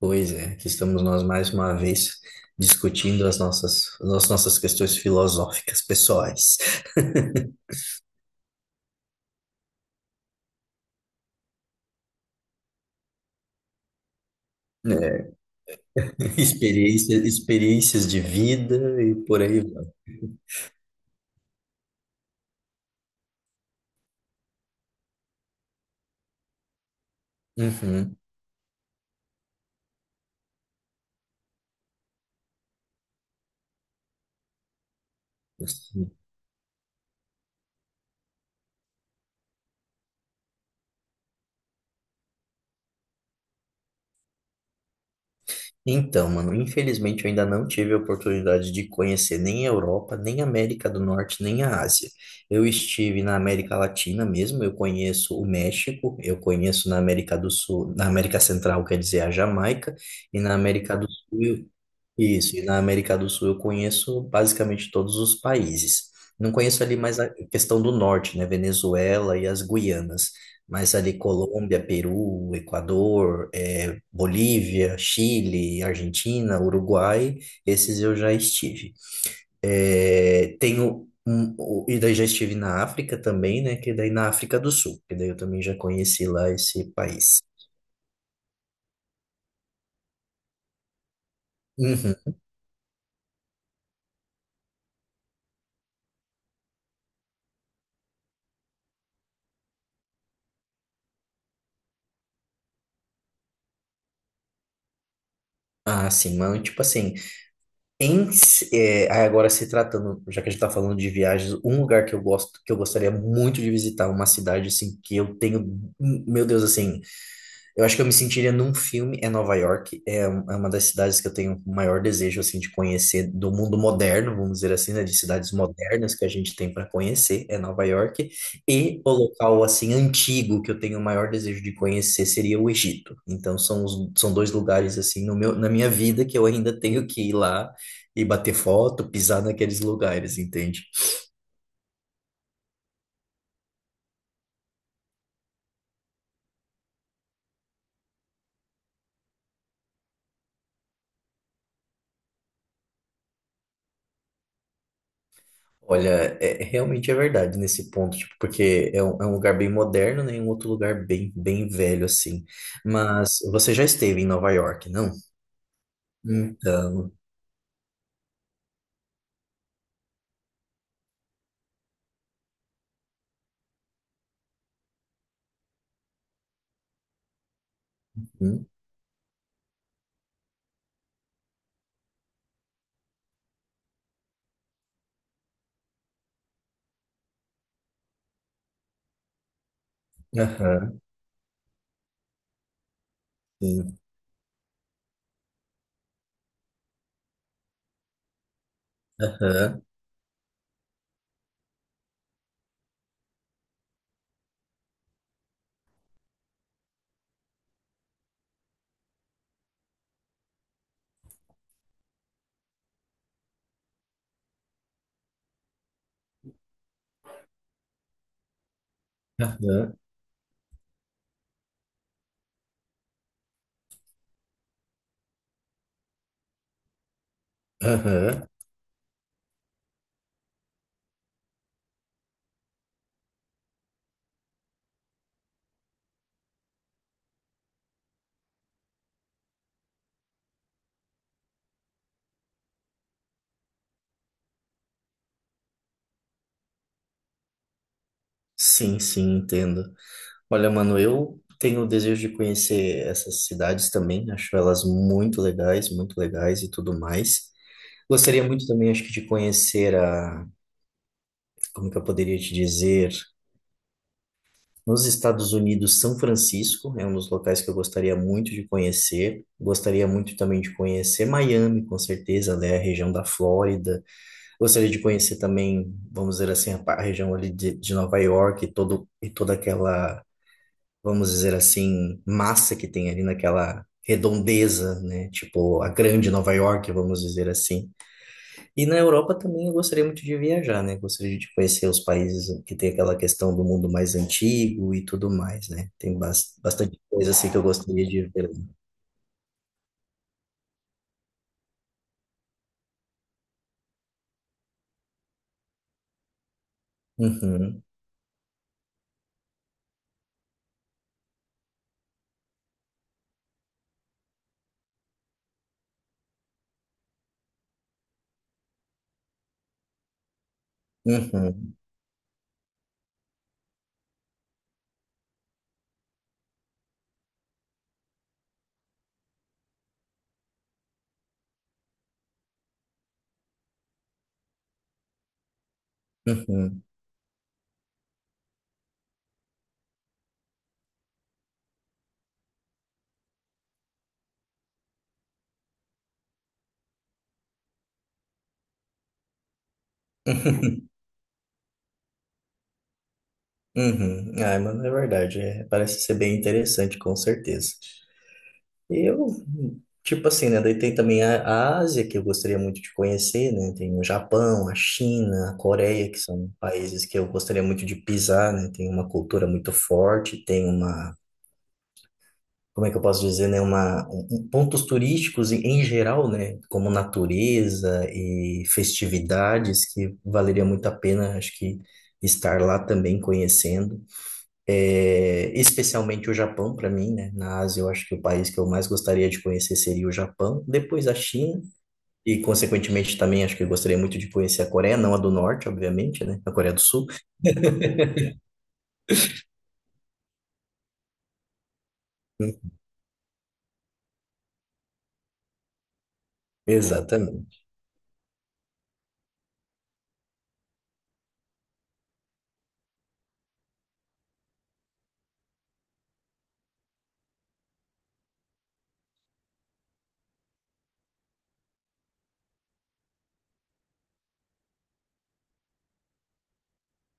Pois é, aqui estamos nós mais uma vez discutindo as nossas questões filosóficas pessoais. É, experiências de vida e por aí vai. Uhum. Então, mano, infelizmente eu ainda não tive a oportunidade de conhecer nem a Europa, nem a América do Norte, nem a Ásia. Eu estive na América Latina mesmo, eu conheço o México, eu conheço na América do Sul, na América Central, quer dizer, a Jamaica, e na América do Sul. Isso, e na América do Sul eu conheço basicamente todos os países. Não conheço ali mais a questão do norte, né? Venezuela e as Guianas, mas ali Colômbia, Peru, Equador, Bolívia, Chile, Argentina, Uruguai, esses eu já estive. E daí já estive na África também, né? Que daí na África do Sul, que daí eu também já conheci lá esse país. Uhum. Ah, sim, mano, tipo assim. Agora se tratando, já que a gente está falando de viagens, um lugar que eu gosto, que eu gostaria muito de visitar, uma cidade assim que eu tenho, meu Deus, assim, eu acho que eu me sentiria num filme, é Nova York, é uma das cidades que eu tenho o maior desejo, assim, de conhecer do mundo moderno, vamos dizer assim, né, de cidades modernas que a gente tem para conhecer, é Nova York, e o local, assim, antigo que eu tenho o maior desejo de conhecer seria o Egito. Então, são dois lugares, assim, no meu, na minha vida que eu ainda tenho que ir lá e bater foto, pisar naqueles lugares, entende? Olha, é, realmente é verdade nesse ponto, tipo, porque é um lugar bem moderno, né, e um outro lugar bem, bem velho, assim. Mas você já esteve em Nova York, não? Então, hum, aham, sim, aham, aham, aham. Sim, sim, entendo. Olha, mano, eu tenho o desejo de conhecer essas cidades também, acho elas muito legais e tudo mais. Gostaria muito também, acho que, de conhecer a, como que eu poderia te dizer? Nos Estados Unidos, São Francisco é um dos locais que eu gostaria muito de conhecer. Gostaria muito também de conhecer Miami, com certeza, né? A região da Flórida. Gostaria de conhecer também, vamos dizer assim, a região ali de Nova York e toda aquela, vamos dizer assim, massa que tem ali naquela redondeza, né? Tipo, a grande Nova York, vamos dizer assim. E na Europa também eu gostaria muito de viajar, né? Gostaria de conhecer os países que tem aquela questão do mundo mais antigo e tudo mais, né? Tem bastante coisa assim que eu gostaria de ver. Uhum, uhum, uhum, uhum. Ah, mano, é verdade. É, parece ser bem interessante, com certeza. E Eu, tipo assim, né? Daí tem também a Ásia, que eu gostaria muito de conhecer, né? Tem o Japão, a China, a Coreia, que são países que eu gostaria muito de pisar, né? Tem uma cultura muito forte, tem uma, como é que eu posso dizer, né, pontos turísticos em geral, né, como natureza e festividades que valeria muito a pena, acho que estar lá também conhecendo. É, especialmente o Japão para mim, né, na Ásia eu acho que o país que eu mais gostaria de conhecer seria o Japão, depois a China, e consequentemente também acho que eu gostaria muito de conhecer a Coreia, não a do Norte, obviamente, né, a Coreia do Sul. Exatamente.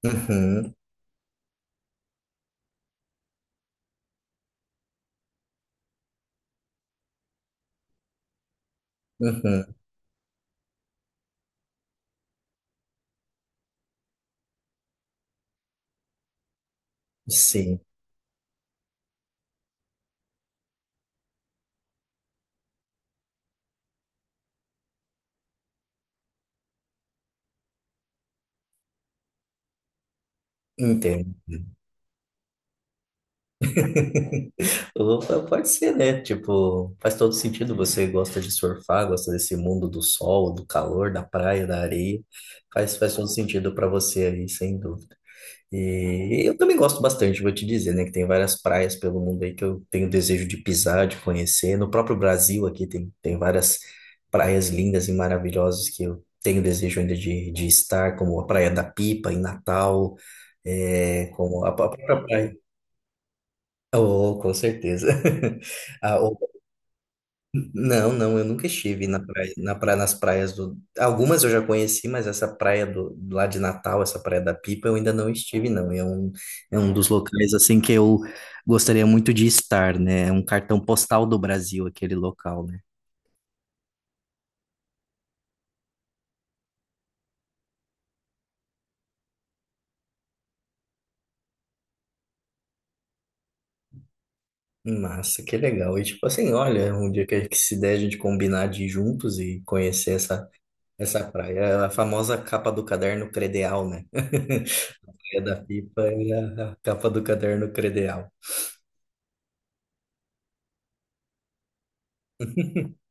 Uhum, uhum, sim. Entendo. Opa, pode ser, né? Tipo, faz todo sentido. Você gosta de surfar, gosta desse mundo do sol, do calor, da praia, da areia. Faz, faz todo sentido para você aí, sem dúvida. E eu também gosto bastante, vou te dizer, né? Que tem várias praias pelo mundo aí que eu tenho desejo de pisar, de conhecer. No próprio Brasil aqui tem várias praias lindas e maravilhosas que eu tenho desejo ainda de estar, como a Praia da Pipa, em Natal, é, como a própria praia. Oh, com certeza. Ah, oh, não, não, eu nunca estive na praia, nas praias do. Algumas eu já conheci, mas lá de Natal, essa praia da Pipa, eu ainda não estive, não. É um dos locais assim que eu gostaria muito de estar, né? É um cartão postal do Brasil, aquele local, né? Massa, que legal. E tipo assim, olha, um dia que se der a gente combinar de ir juntos e conhecer essa praia. É a famosa capa do caderno credeal, né? É da pipa e a capa do caderno credencial.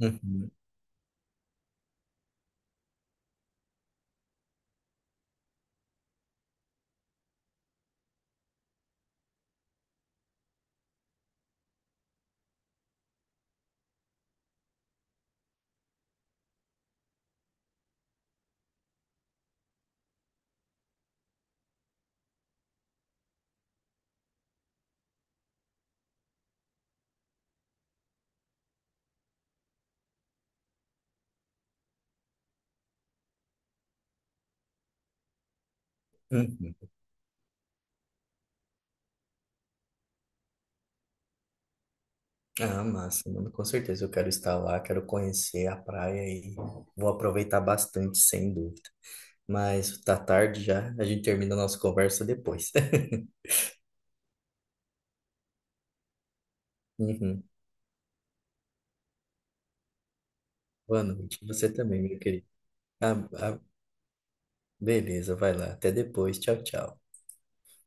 Uhum, uhum. Ah, massa, mano, com certeza eu quero estar lá, quero conhecer a praia e vou aproveitar bastante, sem dúvida. Mas tá tarde já, a gente termina a nossa conversa depois. Uhum. Boa noite, você também, meu querido. Ah, ah, beleza, vai lá, até depois, tchau, tchau.